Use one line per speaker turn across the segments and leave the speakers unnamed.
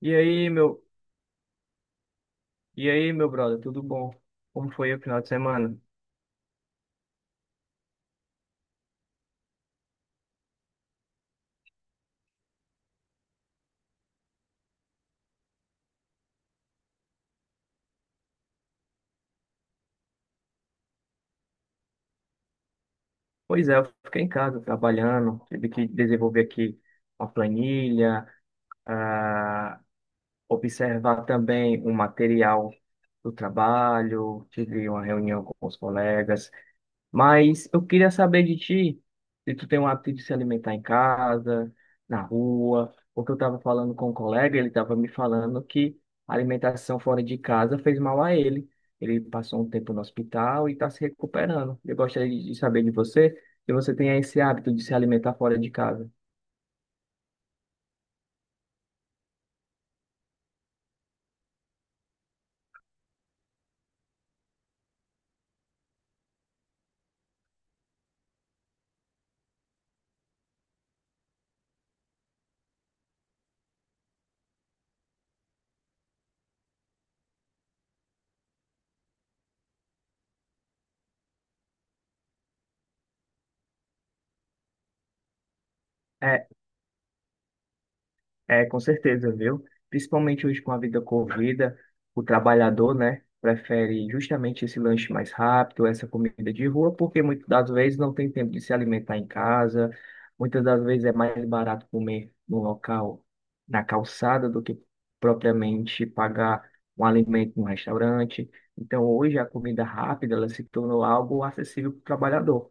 E aí, meu, e aí, meu brother, tudo bom? Como foi o final de semana? Pois é, eu fiquei em casa trabalhando, tive que desenvolver aqui uma planilha, ah, observar também um material do trabalho, tive uma reunião com os colegas. Mas eu queria saber de ti, se tu tem o hábito de se alimentar em casa, na rua, porque eu estava falando com um colega, ele estava me falando que a alimentação fora de casa fez mal a ele. Ele passou um tempo no hospital e está se recuperando. Eu gostaria de saber de você, se você tem esse hábito de se alimentar fora de casa. É, com certeza, viu? Principalmente hoje com a vida corrida, o trabalhador, né, prefere justamente esse lanche mais rápido, essa comida de rua, porque muitas das vezes não tem tempo de se alimentar em casa, muitas das vezes é mais barato comer no local, na calçada, do que propriamente pagar um alimento num restaurante. Então, hoje a comida rápida, ela se tornou algo acessível para o trabalhador.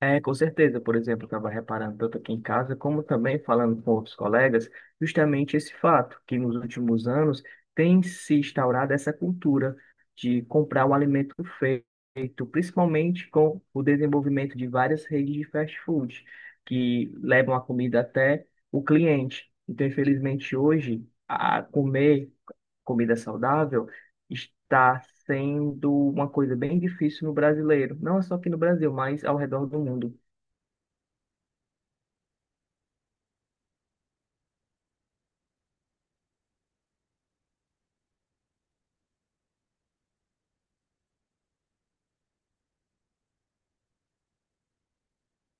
É, com certeza. Por exemplo, eu estava reparando tanto aqui em casa, como também falando com outros colegas, justamente esse fato, que nos últimos anos tem se instaurado essa cultura de comprar o alimento feito, principalmente com o desenvolvimento de várias redes de fast food, que levam a comida até o cliente. Então, infelizmente, hoje, a comer comida saudável está sendo uma coisa bem difícil no brasileiro, não é só aqui no Brasil, mas ao redor do mundo.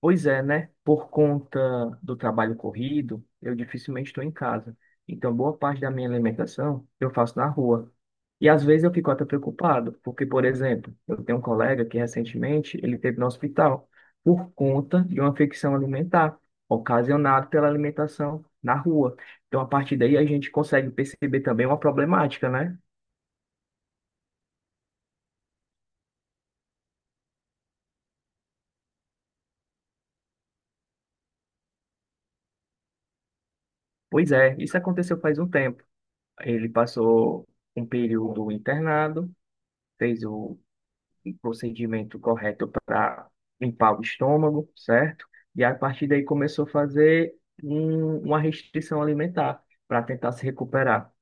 Pois é, né? Por conta do trabalho corrido, eu dificilmente estou em casa. Então, boa parte da minha alimentação eu faço na rua. E às vezes eu fico até preocupado, porque, por exemplo, eu tenho um colega que recentemente ele teve no hospital por conta de uma infecção alimentar ocasionada pela alimentação na rua. Então, a partir daí a gente consegue perceber também uma problemática, né? Pois é, isso aconteceu faz um tempo. Ele passou um período internado, fez o um procedimento correto para limpar o estômago, certo? E a partir daí começou a fazer uma restrição alimentar para tentar se recuperar.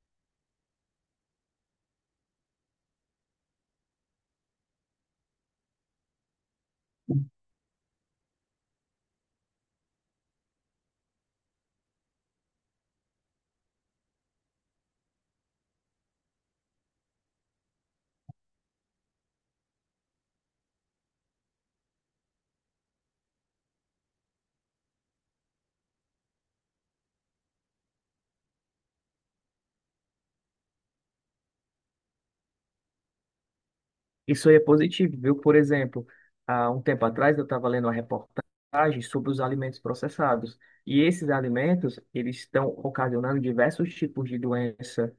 Isso aí é positivo, viu? Por exemplo, há um tempo atrás eu estava lendo uma reportagem sobre os alimentos processados. E esses alimentos, eles estão ocasionando diversos tipos de doença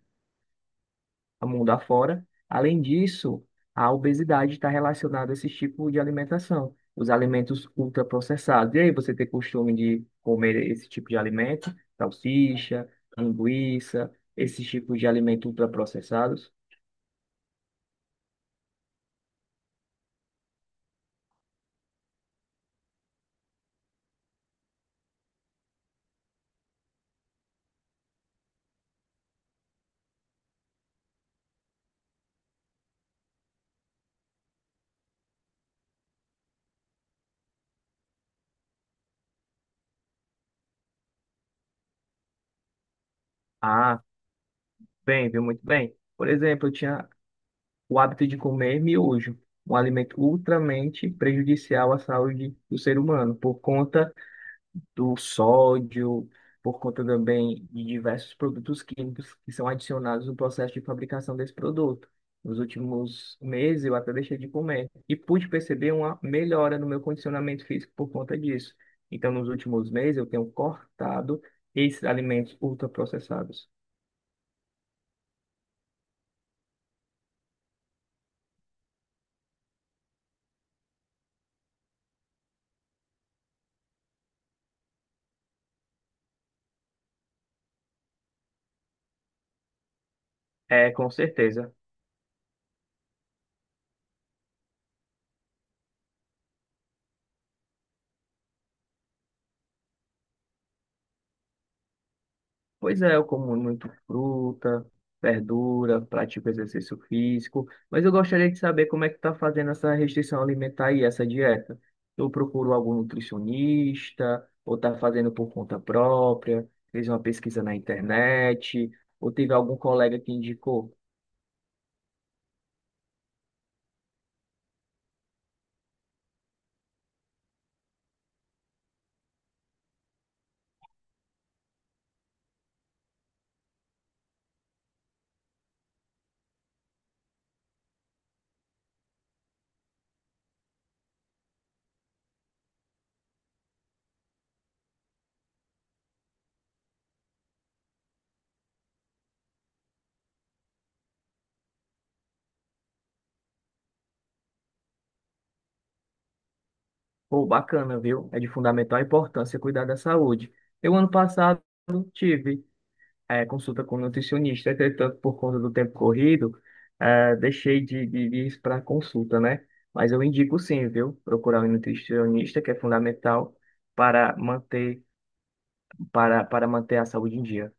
a mundo afora. Além disso, a obesidade está relacionada a esse tipo de alimentação, os alimentos ultraprocessados. E aí, você tem costume de comer esse tipo de alimento? Salsicha, linguiça, esses tipos de alimentos ultraprocessados? Ah, bem, viu? Muito bem. Por exemplo, eu tinha o hábito de comer miojo, um alimento ultramente prejudicial à saúde do ser humano, por conta do sódio, por conta também de diversos produtos químicos que são adicionados no processo de fabricação desse produto. Nos últimos meses eu até deixei de comer e pude perceber uma melhora no meu condicionamento físico por conta disso. Então, nos últimos meses eu tenho cortado esses alimentos ultraprocessados. É, com certeza. Pois é, eu como muito fruta, verdura, pratico exercício físico, mas eu gostaria de saber como é que tá fazendo essa restrição alimentar e essa dieta. Eu procuro algum nutricionista, ou tá fazendo por conta própria, fez uma pesquisa na internet, ou teve algum colega que indicou. Pô, bacana, viu? É de fundamental importância cuidar da saúde. Eu ano passado tive, é, consulta com nutricionista, entretanto, por conta do tempo corrido, é, deixei de ir para consulta, né? Mas eu indico sim, viu? Procurar um nutricionista, que é fundamental para manter, para manter a saúde em dia.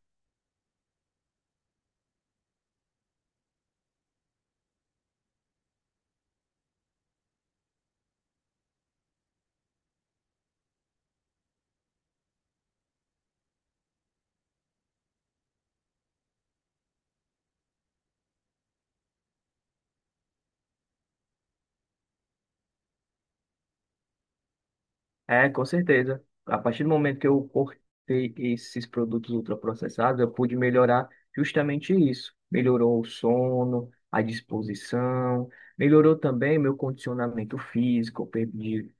É, com certeza. A partir do momento que eu cortei esses produtos ultraprocessados, eu pude melhorar justamente isso. Melhorou o sono, a disposição, melhorou também meu condicionamento físico, eu perdi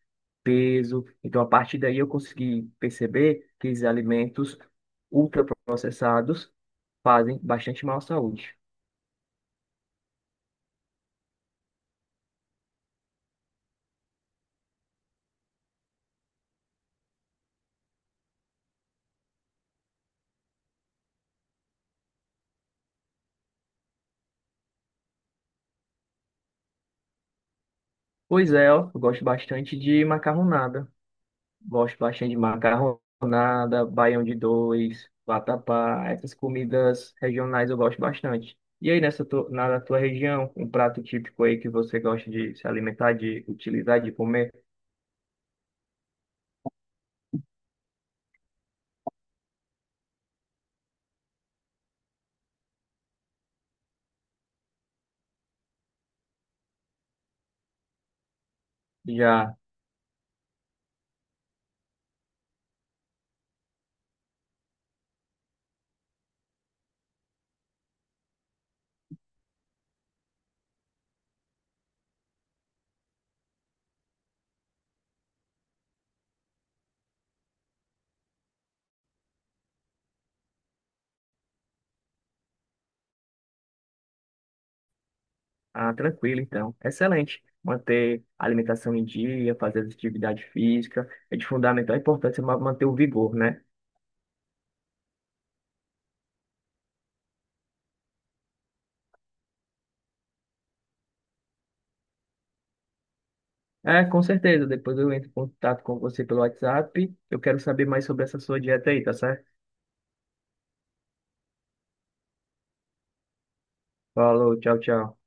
peso. Então, a partir daí, eu consegui perceber que esses alimentos ultraprocessados fazem bastante mal à saúde. Pois é, ó, eu gosto bastante de macarronada. Gosto bastante de macarronada, baião de dois, vatapá, essas comidas regionais eu gosto bastante. E aí, nessa na tua região, um prato típico aí que você gosta de se alimentar, de utilizar, de comer, já. Ah, tranquilo, então. Excelente. Manter a alimentação em dia, fazer atividade física, é de fundamental importância manter o vigor, né? É, com certeza. Depois eu entro em contato com você pelo WhatsApp. Eu quero saber mais sobre essa sua dieta aí, tá certo? Falou, tchau, tchau.